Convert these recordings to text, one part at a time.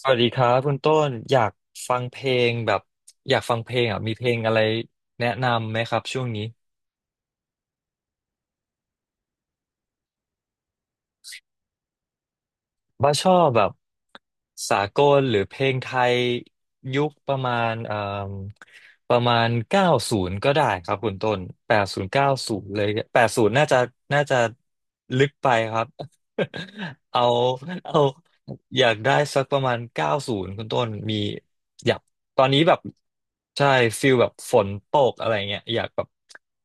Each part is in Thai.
สวัสดีครับคุณต้นอยากฟังเพลงแบบอยากฟังเพลงอ่ะมีเพลงอะไรแนะนำไหมครับช่วงนี้ ว่าชอบแบบสากลหรือเพลงไทยยุคมประมาณเก้าศูนย์ก็ได้ครับคุณต้น80-90เลยแปดศูนย์น่าจะลึกไปครับ เอาเอาอยากได้สักประมาณเก้าศูนย์คุณต้นมีอยากตอนนี้แบบใช่ฟิลแบบฝนตกอะไรเงี้ยอยากแบบ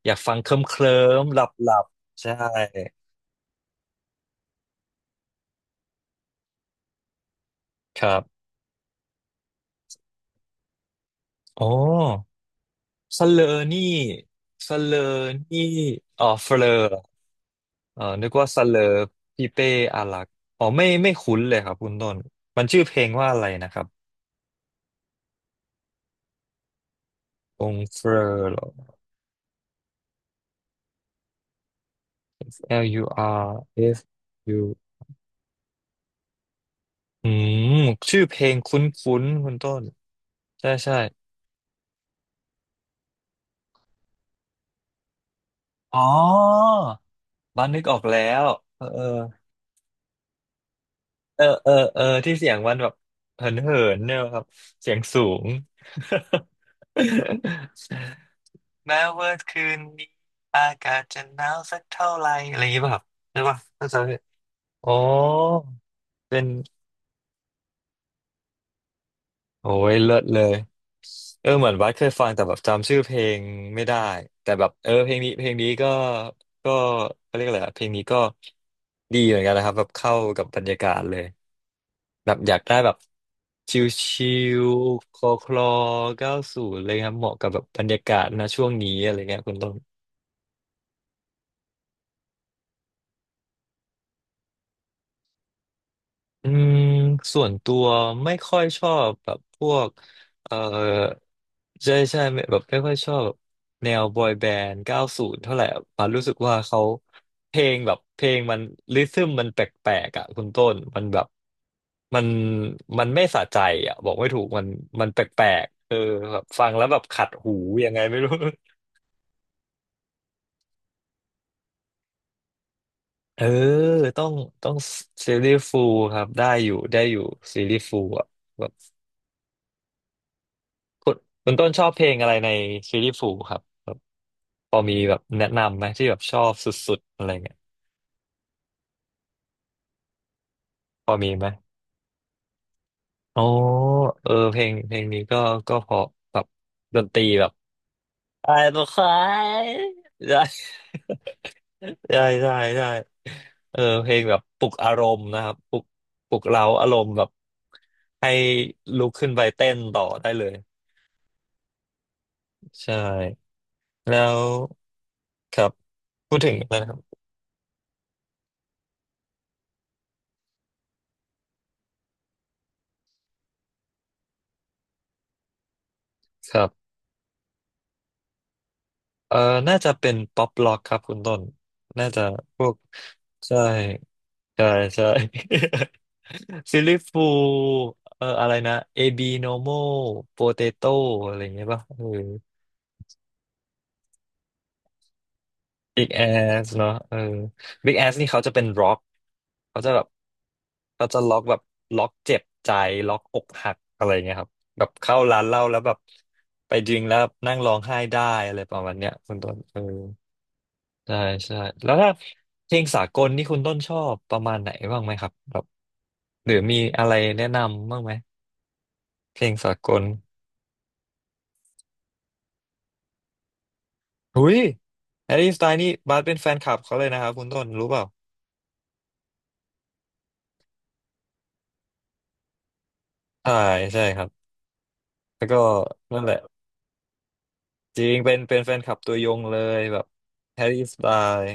อยากฟังเคลิ้มหลับหลับๆใช่ครับโอ้ สเลอนี่สเลอนี่อ๋อเฟลอเออนึกว่าสเลอพี่เป้อารักษ์อ๋อไม่คุ้นเลยครับคุณต้นมันชื่อเพลงว่าอะไรนะครับองเฟลอเหรอ L U R F U อืมชื่อเพลงคุ้นๆคุณต้นใช่ใช่อ๋อบ้านนึกออกแล้วเออเออที่เสียงมันแบบเหินเหินเนี่ยครับเสียงสูง แม้ว่าคืนนี้อากาศจะหนาวสักเท่าไหร่อะไรอย่างเงี้ยป่ะครับใช่ป่ะน่าจะโอ้เป็นโอ้ยเลิศเลยเออเหมือนวัดเคยฟังแต่แบบจำชื่อเพลงไม่ได้แต่แบบเออเพลงนี้ก็เขาเรียกอะไรอะเพลงนี้ก็ดีเหมือนกันนะครับแบบเข้ากับบรรยากาศเลยแบบอยากได้แบบชิลๆคลอคลอเก้าูอะไรครับเหมาะกับแบบบรรยากาศนะช่วงนี้อะไรเงี้ยคุณต้น อืมส่วนตัวไม่ค่อยชอบแบบพวกเอ่อใช่ใช่ไม่แบบไม่ค่อยชอบแบบแนวบอยแบนด์เก้าสูนเท่าไหร่อะารู้สึกว่าเขาเพลงมันริทึมแปลกๆอ่ะคุณต้นมันแบบมันไม่สะใจอ่ะบอกไม่ถูกมันแปลกๆเออแบบฟังแล้วแบบขัดหูยังไงไม่รู้เออต้องต้องซีรีส์ฟูลครับได้อยู่ได้อยู่ซีรีส์ฟูลอ่ะ คุณคุณต้นชอบเพลงอะไรในซีรีส์ฟูครับแบบพอมีแบบแนะนำไหมที่แบบชอบสุดๆอะไรเงี้ยพอมีไหมโอ้เออเพลงนี้ก็ก็เพอแบบดนตรีแบบไอ้บุคายใช่ ใช่ใช่ใช่เออเพลงแบบปลุกอารมณ์นะครับปลุกเร้าอารมณ์แบบให้ลุกขึ้นไปเต้นต่อได้เลย ใช่ แล้วครับพูดถึงนะครับ ครับ เอ่อน่าจะเป็นป๊อปล็อกครับคุณต้นน่าจะพวกใช่ใช่ใช่ ซิลลี่ฟูอะไรนะเอบีโนโมโปเตโต้อะไรอย่างเงี้ยป่ะเออบิ๊กแอสเนาะเออบิ๊กแอสนี่เขาจะเป็นร็อกเขาจะแบบเขาจะล็อกแบบล็อกเจ็บใจล็อกอกหักอะไรอย่างเงี้ยครับแบบเข้าร้านเหล้าแล้วแบบไปดริงแล้วนั่งร้องไห้ได้อะไรประมาณเนี้ยคุณต้นเออ ใช่ใช่แล้วถ้าเพลงสากลนี่คุณต้นชอบประมาณไหนบ้างไหมครับแบบหรือมีอะไรแนะนำบ้างไหมเพลงสากลหุยแฮร์รี่สไตล์นี่บาสเป็นแฟนคลับเขาเลยนะครับคุณต้นรู้เปล่าใช่ใช่ครับแล้วก็นั่นแหละจริงเป็นแฟนคลับตัวยงเลยแบบแฮร์รี่สไตล์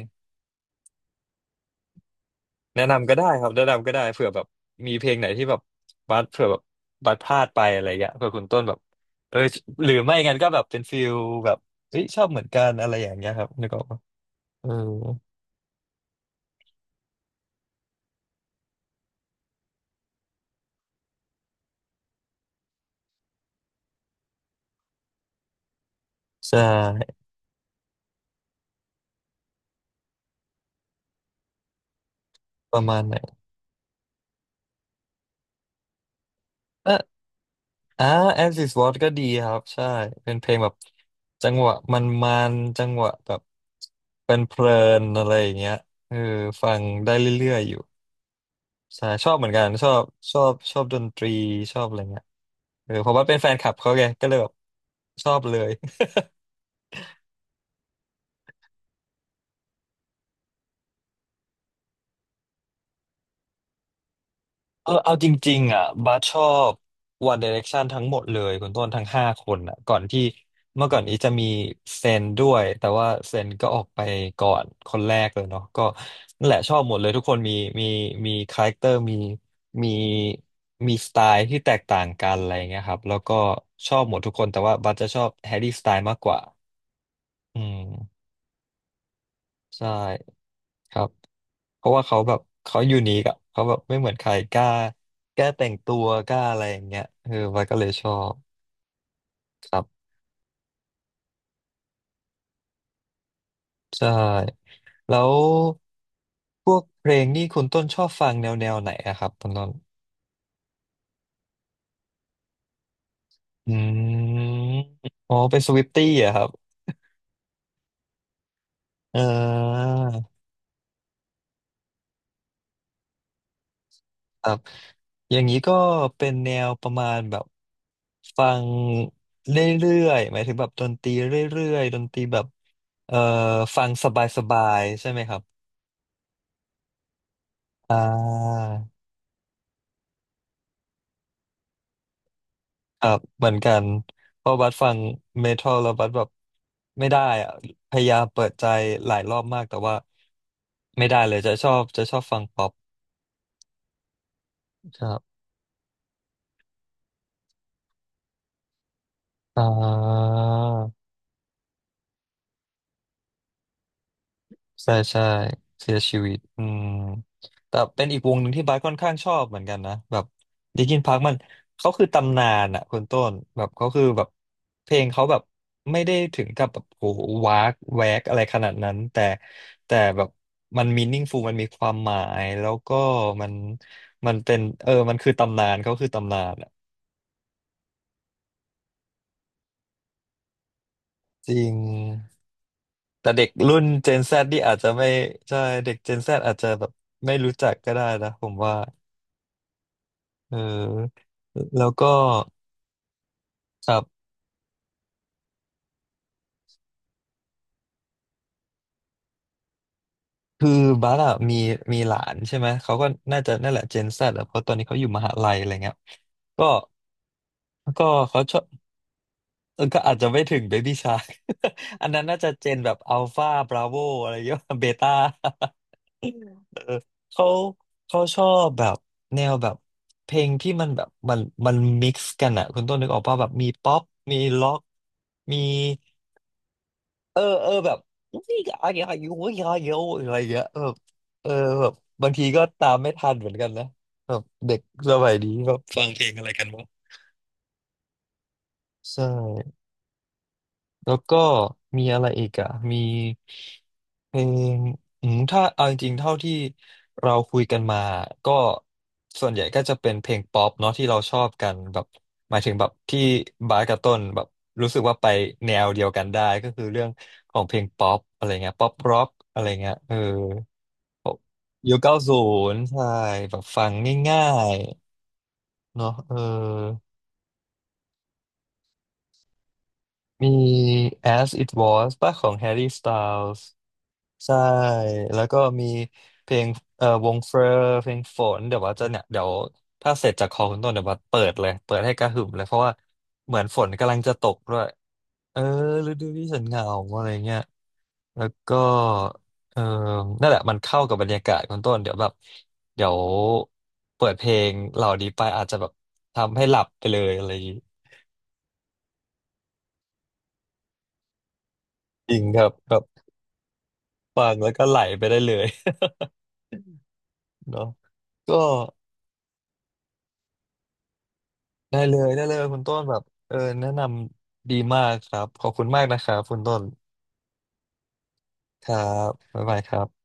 แนะนำก็ได้ครับแนะนำก็ได้เผื่อแบบมีเพลงไหนที่แบบบัสเผื่อแบบบัสพลาดไปอะไรเงี้ยเผื่อคุณต้นแบบเออหรือไม่งั้นก็แบบเป็นฟิลแบบเฮ้ยชอบเหมือนกันอะไรอย่างเงี้ยครับนึกออกปะเออใช่ประมาณไหนเอออ่า As is What ก็ดีครับใช่เป็นเพลงแบบจังหวะมันจังหวะแบบเป็นเพลินๆอะไรอย่างเงี้ยเออฟังได้เรื่อยๆอยู่ ใช่ชอบเหมือนกันชอบชอบดนตรีชอบอะไรเงี้ยเออเพราะว่าเป็นแฟนคลับเขาไงก็เลยแบบชอบเลย เอาจริงๆอ่ะบัสชอบ One Direction ทั้งหมดเลยคุณต้นทั้งห้าคนอ่ะก่อนที่เมื่อก่อนอีจะมีเซนด้วยแต่ว่าเซนก็ออกไปก่อนคนแรกเลยเนาะก็นั่นแหละชอบหมดเลยทุกคนมีมีคาแรคเตอร์มีมีสไตล์ที่แตกต่างกันอะไรเงี้ยครับแล้วก็ชอบหมดทุกคนแต่ว่าบัสจะชอบแฮร์รี่สไตล์มากกว่าอืม ใช่ครับเพราะว่าเขาแบบเขายูนิคอะเขาแบบไม่เหมือนใครกล้าแก้แต่งตัวกล้าอะไรอย่างเงี้ยเออวายก็เลยชอบครับใช่แล้วพวกเพลงนี่คุณต้นชอบฟังแนวไหนอะครับคุณต้นอืมอ๋อเป็นสวิฟตี้อะครับเออ ครับอย่างนี้ก็เป็นแนวประมาณแบบฟังเรื่อยๆหมายถึงแบบดนตรีเรื่อยๆดนตรีแบบเอ่อฟังสบายๆใช่ไหมครับ อ่าครับเหมือนกันเพราะบัสฟังเมทัลแล้วบัสแบบไม่ได้อะพยายามเปิดใจหลายรอบมากแต่ว่าไม่ได้เลยจะชอบฟังป๊อปครับอ่า ใช่ใช่เสียชีวิตอืมแต่เป็นอีกวงหนึ่งที่บาสค่อนข้างชอบเหมือนกันนะแบบลินคินพาร์คมันเขาคือตำนานอ่ะคุณต้นแบบเขาคือแบบเพลงเขาแบบไม่ได้ถึงกับแบบโอ้โหวากแวกอะไรขนาดนั้นแต่แบบมันมีนิ่งฟูมันมีความหมายแล้วก็มันมันเป็นเออมันคือตำนานเขาคือตำนานอะจริงแต่เด็กรุ่น Gen Z นี่อาจจะไม่ใช่เด็ก Gen Z อาจจะแบบไม่รู้จักก็ได้นะผมว่า เออแล้วก็ครับคือบัสอะมีหลานใช่ไหมเขาก็น่าจะนั่นแหละเจนแซดอะเพราะตอนนี้เขาอยู่มหาลัยอะไรเงี้ยก็ก็เขาชอบเออก็อาจจะไม่ถึงเบบี้ชา อันนั้นน่าจะเจนแบบอัลฟาบราโวอะไรเงี้ย เบต้า เขาเขาชอบแบบแนวแบบเพลงที่มันแบบมันมิกซ์กันอะคุณต้นนึกออกป่ะแบบมีป๊อปมีล็อกมี เออเออแบบอุ๊ยอะไรเงี้ยอายุอยอะไรเยอะอะไรเงี้ยแบบเออแบบบางทีก็ตามไม่ทันเหมือนกันนะแบบเด็กสมัยนี้แบบฟังเพลงอะไรกันวะใช่ แล้วก็มีอะไรอีกอ่ะมีเพลงถ้าเอาจริงๆเท่าที่เราคุยกันมาก็ส่วนใหญ่ก็จะเป็นเพลงป๊อปเนาะที่เราชอบกันแบบหมายถึงแบบที่บาสกับต้นแบบรู้สึกว่าไปแนวเดียวกันได้ก็คือเรื่องของเพลงป๊อปอะไรเงี้ยป๊อปร็อกอะไรเงี้ยเออยุคเก้าศูนย์ใช่แบบฟังง่ายๆเนาะเออ มี As It Was ป่ะของ Harry Styles ใช่แล้วก็มีเพลงวงเฟอร์เพลงฝนเดี๋ยวว่าจะเนี่ยเดี๋ยวถ้าเสร็จจากคอคุณต้นเดี๋ยวว่าเปิดเลยเปิดให้กระหึ่มเลยเพราะว่าเหมือนฝนกำลังจะตกด้วยเออฤดูที่ฉันเหงาอะไรเงี้ยแล้วก็เออนั่นแหละมันเข้ากับบรรยากาศคุณต้นเดี๋ยวแบบเดี๋ยวเปิดเพลงเหล่านี้ไปอาจจะแบบทำให้หลับไปเลยอะไรอย่างงี้จริงครับแบบฟังแล้วก็ไหลไปได้เลย เนาะก็ได้เลยได้เลยคุณต้นแบบเออแนะนำดีมากครับขอบคุณมากนะครับคุณต้นครับบ๊ายบายครับ